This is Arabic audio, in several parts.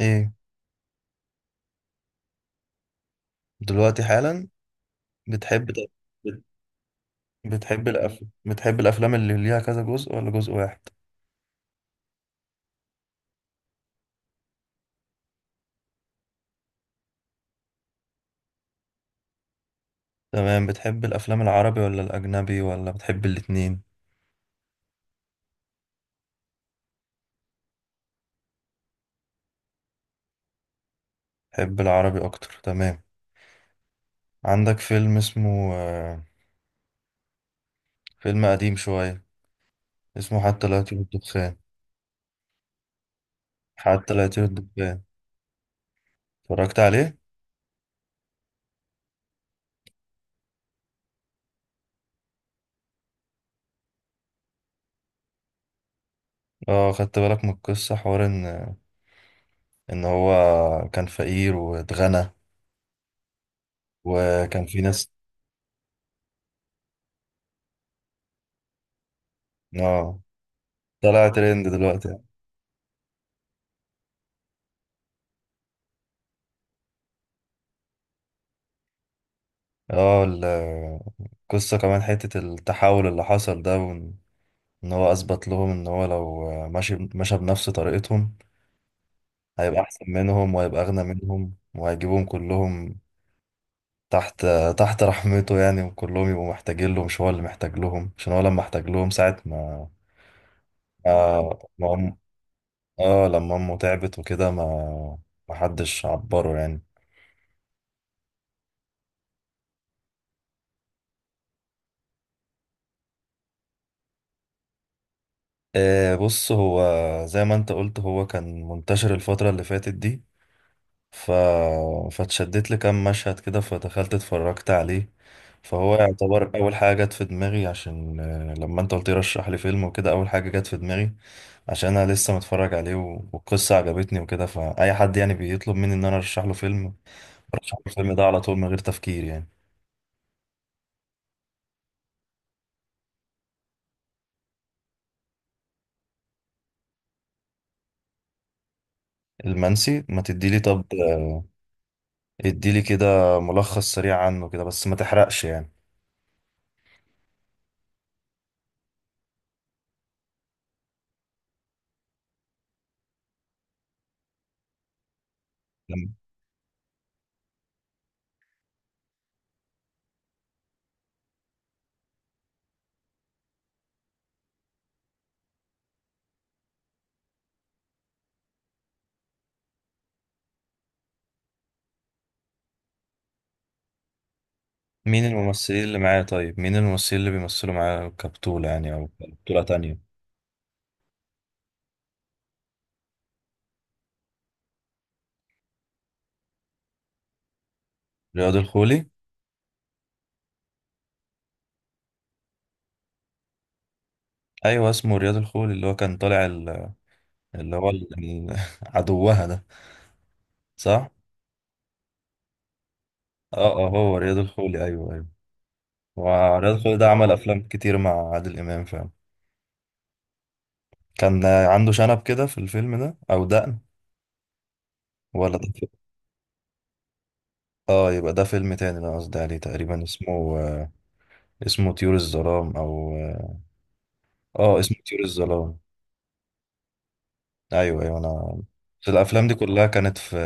ايه. دلوقتي حالا. بتحب بت- بتحب الأفلام اللي ليها كذا جزء ولا جزء واحد؟ تمام. بتحب الأفلام العربي ولا الأجنبي ولا بتحب الاتنين؟ بتحب العربي أكتر، تمام. عندك فيلم اسمه فيلم قديم شوية، اسمه حتى لا يطير الدخان. حتى لا يطير الدخان. اتفرجت عليه. اه، خدت بالك من القصة؟ حوار ان هو كان فقير واتغنى، وكان في ناس. اه، طلع ترند دلوقتي. اه، القصة كمان حتة التحول اللي حصل ده، وان إن هو اثبت لهم ان هو لو ماشي مشى بنفس طريقتهم، هيبقى احسن منهم وهيبقى اغنى منهم وهيجيبهم كلهم تحت تحت رحمته يعني، وكلهم يبقوا محتاجين له، مش هو اللي محتاج لهم، عشان هو لما احتاج لهم ساعة ما ما ما أم- اه لما امه تعبت وكده، ما حدش عبره يعني. آه، بص، هو زي ما انت قلت هو كان منتشر الفترة اللي فاتت دي، ف... فاتشدت لكام مشهد كده فدخلت اتفرجت عليه. فهو يعتبر اول حاجه جت في دماغي، عشان لما انت قلت لي رشح لي فيلم وكده، اول حاجه جت في دماغي عشان انا لسه متفرج عليه والقصه عجبتني وكده. فاي حد يعني بيطلب مني ان انا ارشح له فيلم، ارشح له الفيلم ده على طول من غير تفكير يعني. المنسي؟ ما تديلي طب، اديلي كده ملخص سريع عنه كده، بس ما تحرقش يعني. مين الممثلين اللي معايا طيب مين الممثلين اللي بيمثلوا معايا كبطولة يعني او بطولة تانية؟ رياض الخولي. ايوه اسمه رياض الخولي، اللي هو كان طالع اللي هو عدوها ده. صح. اه اه، هو رياض الخولي، ايوه ايوه. ورياض الخولي ده عمل افلام كتير مع عادل امام فعلا. كان عنده شنب كده في الفيلم ده او دقن، ولا ده اه؟ يبقى ده فيلم تاني اللي انا قصدي عليه. تقريبا اسمه آه، اسمه طيور الظلام او اه آه، اسمه طيور الظلام. ايوه ايوه. في الافلام دي كلها كانت في،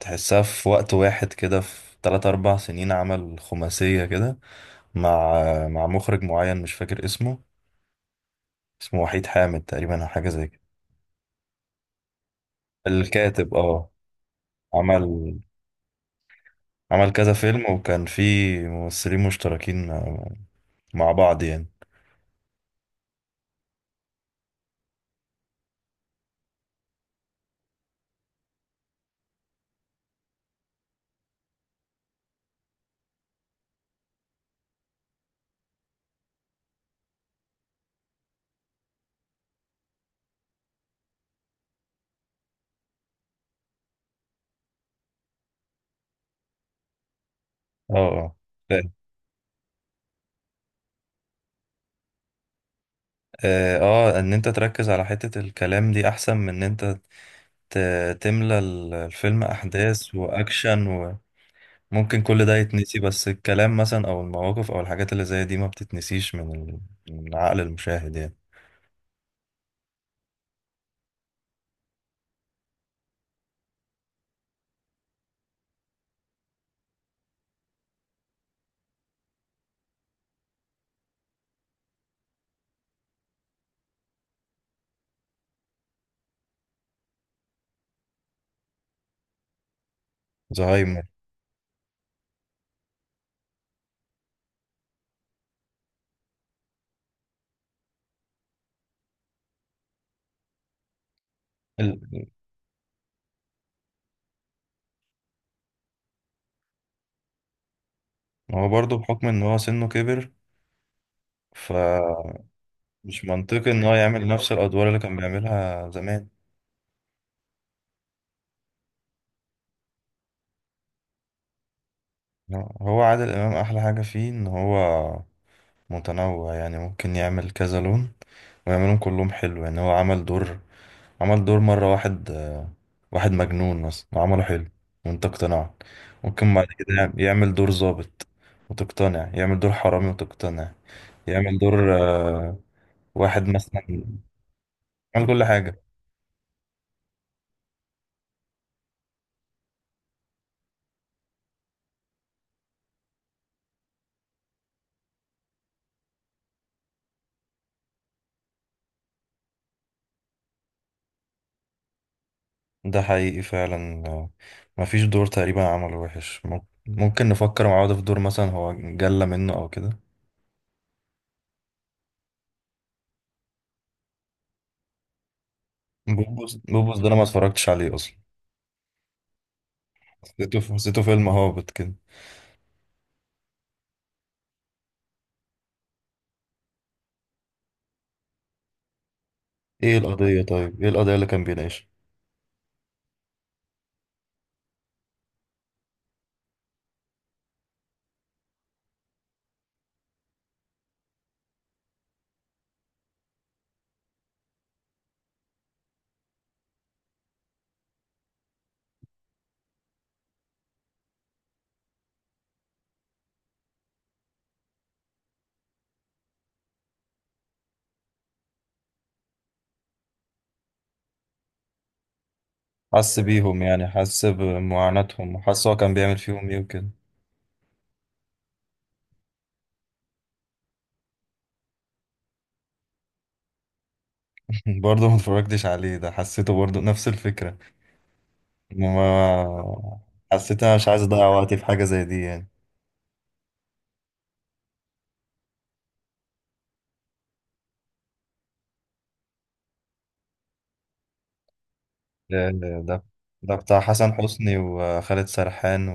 تحسها في وقت واحد كده، في 3 4 سنين عمل خماسية كده مع مع مخرج معين مش فاكر اسمه، اسمه وحيد حامد تقريبا أو حاجة زي كده. الكاتب، اه. عمل عمل كذا فيلم، وكان في ممثلين مشتركين، مع بعض يعني. اه. اه. فاهم. اه، آه، ان انت تركز على حتة الكلام دي احسن من ان انت تملى الفيلم احداث واكشن، وممكن كل ده يتنسي، بس الكلام مثلا او المواقف او الحاجات اللي زي دي ما بتتنسيش من من عقل المشاهد يعني. زهايمر. هو برضه بحكم ان هو سنه كبر، فمش منطقي ان هو يعمل نفس الادوار اللي كان بيعملها زمان. هو عادل امام احلى حاجه فيه ان هو متنوع، يعني ممكن يعمل كذا لون ويعملهم كلهم حلو. يعني هو عمل دور مره واحد، واحد مجنون مثلا وعمله حلو وانت اقتنعت. ممكن بعد كده يعمل دور ظابط وتقتنع، يعمل دور حرامي وتقتنع، يعمل دور واحد مثلا. عمل كل حاجه. ده حقيقي فعلا، مفيش دور تقريبا عمله وحش. ممكن نفكر مع بعض في دور مثلا هو جلى منه او كده. بوبوس؟ بوبوس ده انا ما اتفرجتش عليه اصلا، حسيته حسيته فيلم هابط كده. ايه القضية؟ طيب ايه القضية اللي كان بيناقشها؟ حس بيهم يعني، حس بمعاناتهم، وحس هو كان بيعمل فيهم ايه وكده. برضه ما اتفرجتش عليه، ده حسيته برضه نفس الفكرة. ما حسيت انا مش عايز اضيع وقتي في حاجة زي دي يعني. ده ده ده بتاع حسن حسني وخالد سرحان؟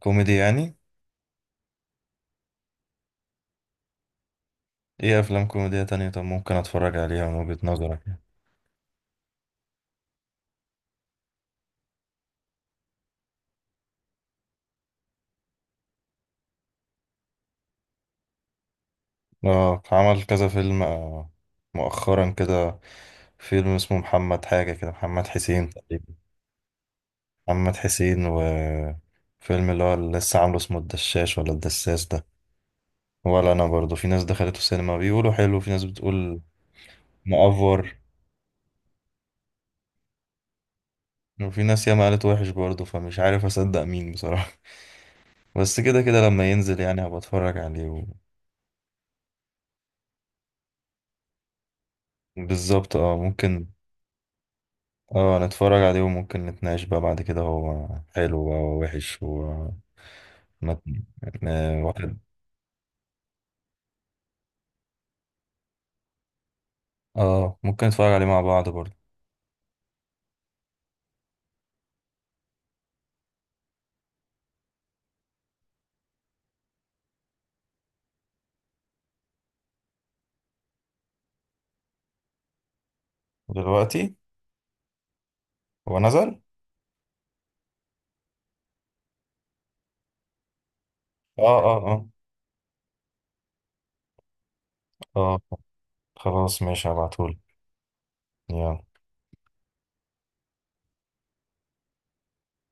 كوميدي يعني؟ ايه افلام كوميدية تانية طب ممكن اتفرج عليها من وجهة نظرك يعني؟ اه، عمل كذا فيلم، مؤخرا كده، فيلم اسمه محمد حاجة كده، محمد حسين تقريبا. محمد حسين، وفيلم اللي هو اللي لسه عامله اسمه الدشاش ولا الدساس ده؟ ولا انا برضو. في ناس دخلته السينما بيقولوا حلو، وفي ناس بتقول مأفور، وفي ناس ياما قالت وحش برضه، فمش عارف اصدق مين بصراحة. بس كده كده لما ينزل يعني هبقى اتفرج عليه بالظبط. اه ممكن. اه، نتفرج عليه وممكن نتناقش بقى بعد كده هو حلو بقى ووحش مت... واحد. اه، ممكن نتفرج عليه مع بعض برضه. دلوقتي؟ هو نزل؟ اه اه اه. اه. خلاص ماشي، هبعتهولك. يلا.